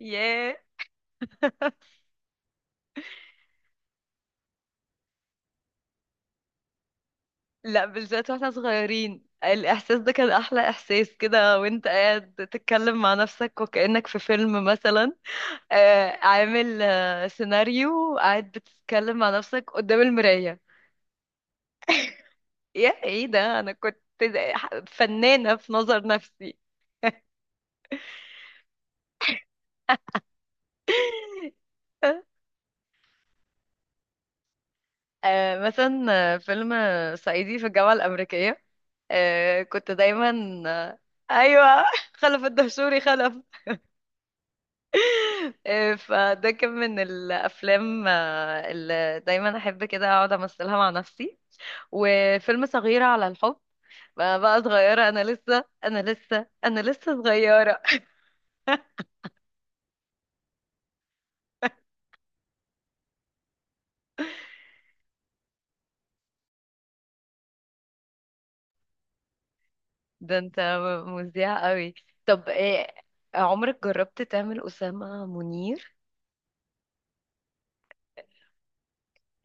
ياه. لا بالذات واحنا صغيرين الإحساس ده كان أحلى إحساس كده وانت قاعد تتكلم مع نفسك وكأنك في فيلم مثلا. عامل سيناريو، قاعد بتتكلم مع نفسك قدام المراية. يا ايه ده، أنا كنت فنانة في نظر نفسي. مثلا فيلم صعيدي في الجامعة الأمريكية. كنت دايما آه، أيوة. خلف الدهشوري خلف. فده كان من الافلام اللي دايما احب كده اقعد امثلها مع نفسي. وفيلم صغيرة على الحب. بقى صغيرة، انا لسه صغيرة. ده انت مذيع قوي. طب إيه، عمرك جربت تعمل أسامة منير؟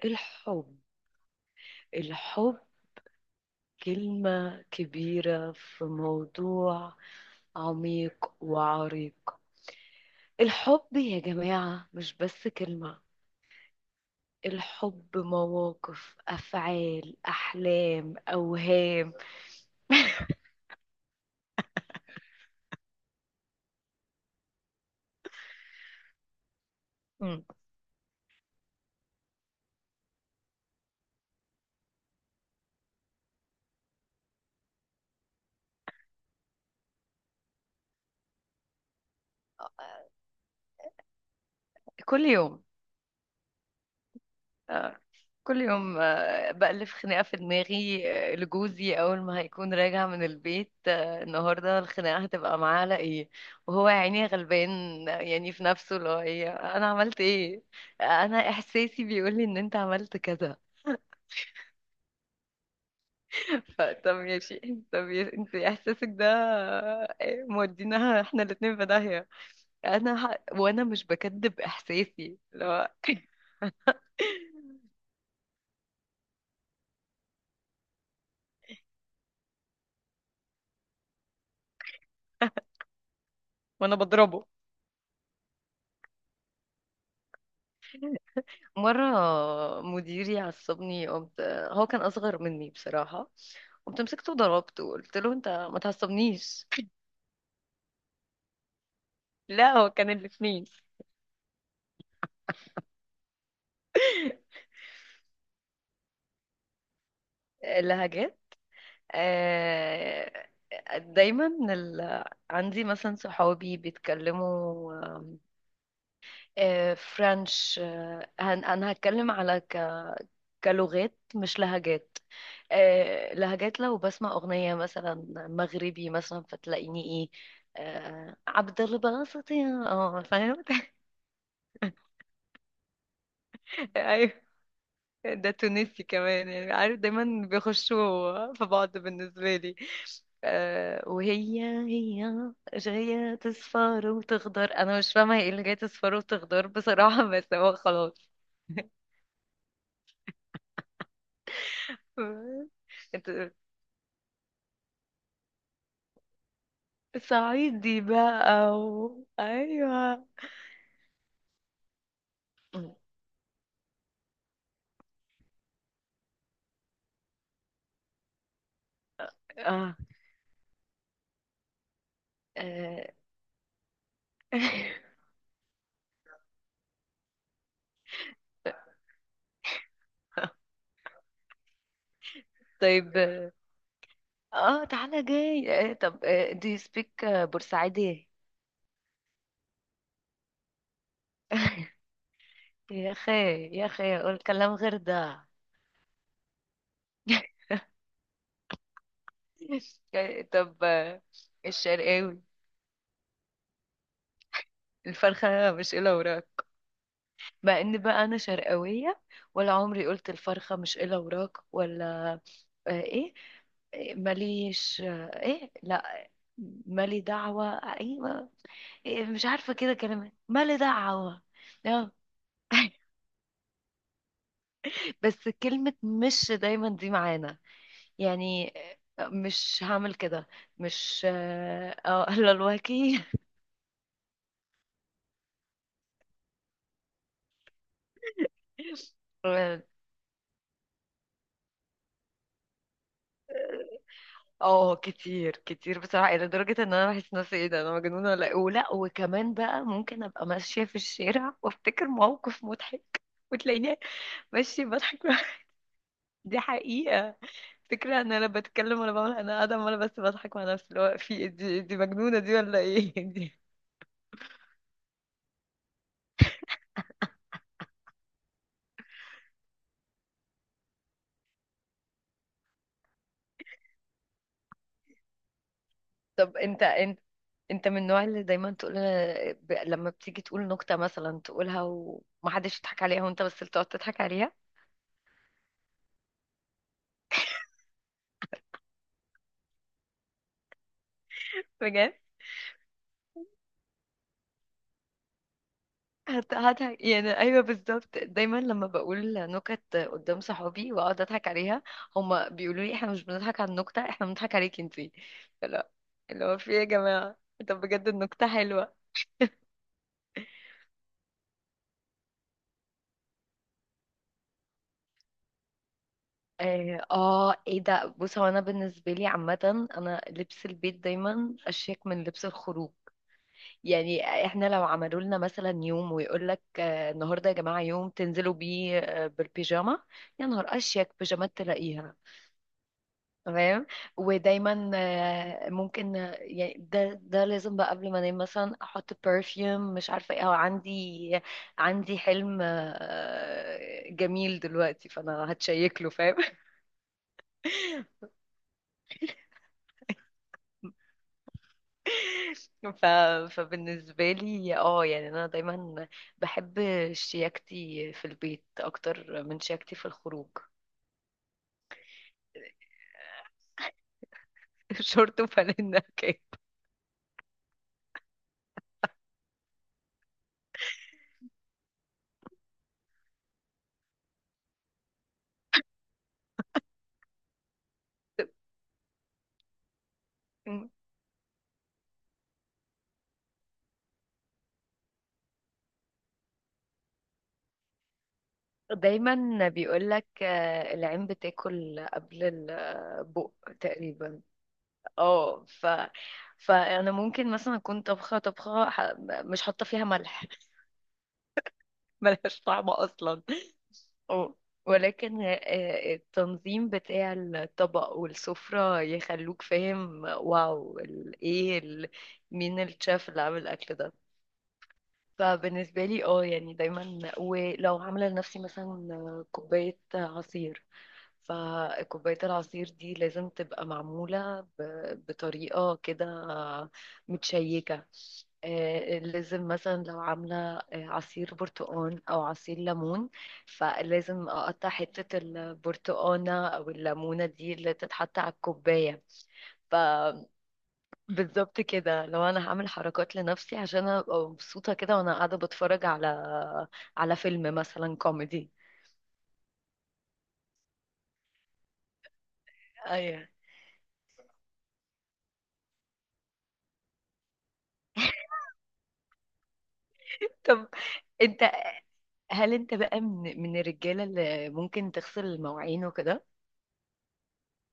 الحب الحب كلمة كبيرة، في موضوع عميق وعريق. الحب يا جماعة مش بس كلمة، الحب مواقف، أفعال، أحلام، أوهام. مم. كل يوم. آه، كل يوم، بألف خناقة في دماغي. لجوزي أول ما هيكون راجع من البيت، النهاردة الخناقة هتبقى معاه على إيه. وهو يا عيني غلبان، يعني في نفسه اللي هو إيه، أنا عملت إيه؟ أنا إحساسي بيقولي إن أنت عملت كذا. فطب يا شيخ. أنت إحساسك ده مودينا إحنا الاتنين في داهية. انا وانا مش بكذب احساسي لو. وانا بضربه. مرة مديري عصبني، قمت، هو كان أصغر مني بصراحة، قمت مسكته وضربته، قلت له أنت ما تعصبنيش. لا هو كان الاتنين. اللهجات. آه، دايما ال... عندي مثلا صحابي بيتكلموا فرنش، أنا هتكلم على كلغات مش لهجات. آه لهجات، لو بسمع أغنية مثلا مغربي مثلا، فتلاقيني ايه آه عبد الباسط يا اه فاهم. ايوه ده تونسي كمان، يعني عارف دايما بيخشوا في بعض بالنسبة لي. آه وهي هي جاية تصفر وتخضر، انا مش فاهمة ايه اللي جاية تصفر وتخضر بصراحة. بس هو خلاص. انت صعيدي بقى ايوه. اه آه، طيب. اه تعالى جاي. طب do you speak بورسعيدي؟ يا اخي، يا اخي قول كلام غير ده. طب الشرقاوي. الفرخة مش إلا وراك. مع ان بقى انا شرقاوية، ولا عمري قلت الفرخة مش إلا وراك ولا ايه. إيه، ماليش آه، ايه لا، مالي دعوة، ايوه. إيه، مش عارفة كده كلمات مالي دعوة. لا. بس كلمة مش دايما دي معانا يعني. مش هعمل كده. مش اه لا الواكي. اه كتير كتير بصراحة، إلى درجة إن أنا بحس نفسي إيه ده، أنا مجنونة ولا إيه؟ ولا وكمان بقى ممكن أبقى ماشية في الشارع وأفتكر موقف مضحك، وتلاقيني ماشية بضحك. دي حقيقة. فكرة إن أنا لا بتكلم ولا بعمل، أنا قاعدة عمالة بس بضحك مع نفسي، اللي هو في إيه دي مجنونة دي ولا إيه؟ طب انت من النوع اللي دايما تقول، لما بتيجي تقول نكتة مثلا تقولها ومحدش يضحك عليها وانت بس اللي تقعد تضحك عليها؟ بجد. هضحك يعني، ايوه بالظبط. دايما لما بقول نكت قدام صحابي واقعد اضحك عليها، هما بيقولوا لي احنا مش بنضحك على النكتة، احنا بنضحك عليك انتي. لا، اللي هو في ايه يا جماعة؟ طب بجد النكتة حلوة. اه ايه ده، بص هو انا بالنسبه لي عامه، انا لبس البيت دايما اشيك من لبس الخروج. يعني احنا لو عملوا لنا مثلا يوم ويقول لك النهارده يا جماعه يوم تنزلوا بيه بالبيجامه، يا نهار اشيك بيجامات تلاقيها. تمام. ودايما ممكن يعني ده لازم بقى قبل ما انام مثلا احط برفيوم مش عارفه ايه، او عندي حلم جميل دلوقتي فانا هتشيك له فاهم. ف... فبالنسبه لي اه يعني انا دايما بحب شياكتي في البيت اكتر من شياكتي في الخروج. شورت وفانلة كاب. دايما بيقول لك العين بتاكل قبل البق، تقريبا. اه فانا ممكن مثلا اكون طبخه مش حاطه فيها ملح. ملهاش طعم اصلا. اه ولكن التنظيم بتاع الطبق والسفرة يخلوك فاهم واو ايه مين الشيف اللي عامل الاكل ده. فبالنسبة لي اه يعني دايما، ولو عاملة لنفسي مثلا كوباية عصير، فكوباية العصير دي لازم تبقى معمولة بطريقة كده متشيكة. لازم مثلا لو عاملة عصير برتقان أو عصير ليمون، فلازم أقطع حتة البرتقانة أو الليمونة دي اللي تتحط على الكوباية. ف بالظبط كده، لو انا هعمل حركات لنفسي عشان أنا ابقى مبسوطه كده وانا قاعده بتفرج على فيلم مثلا كوميدي. ايوه. طب انت هل انت بقى من الرجاله اللي ممكن تغسل المواعين وكده؟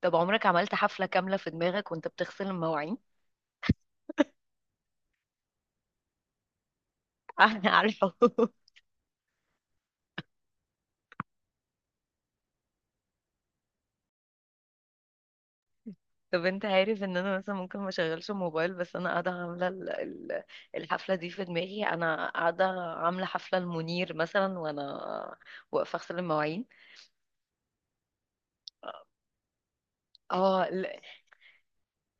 طب عمرك عملت حفله كامله في دماغك وانت بتغسل المواعين؟ احنا عارفه. طب انت عارف ان انا مثلا ممكن ما اشغلش الموبايل، بس انا قاعده عامله الحفله دي في دماغي، انا قاعده عامله حفله المنير مثلا وانا واقفه اغسل المواعين. اه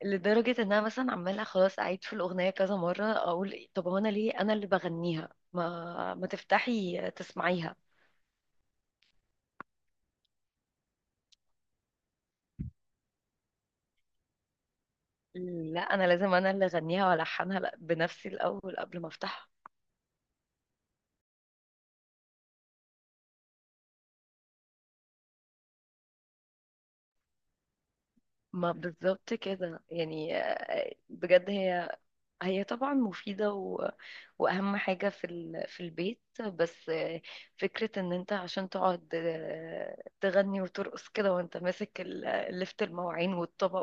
لدرجة ان انا مثلا عمالة خلاص اعيد في الاغنية كذا مرة اقول إيه، طب هو انا ليه انا اللي بغنيها، ما تفتحي تسمعيها. لا انا لازم انا اللي اغنيها والحنها، لأ، بنفسي الاول قبل ما افتحها. ما بالظبط كده يعني. بجد هي طبعا مفيدة واهم حاجة في في البيت، بس فكرة ان انت عشان تقعد تغني وترقص كده وانت ماسك لفت المواعين والطبق.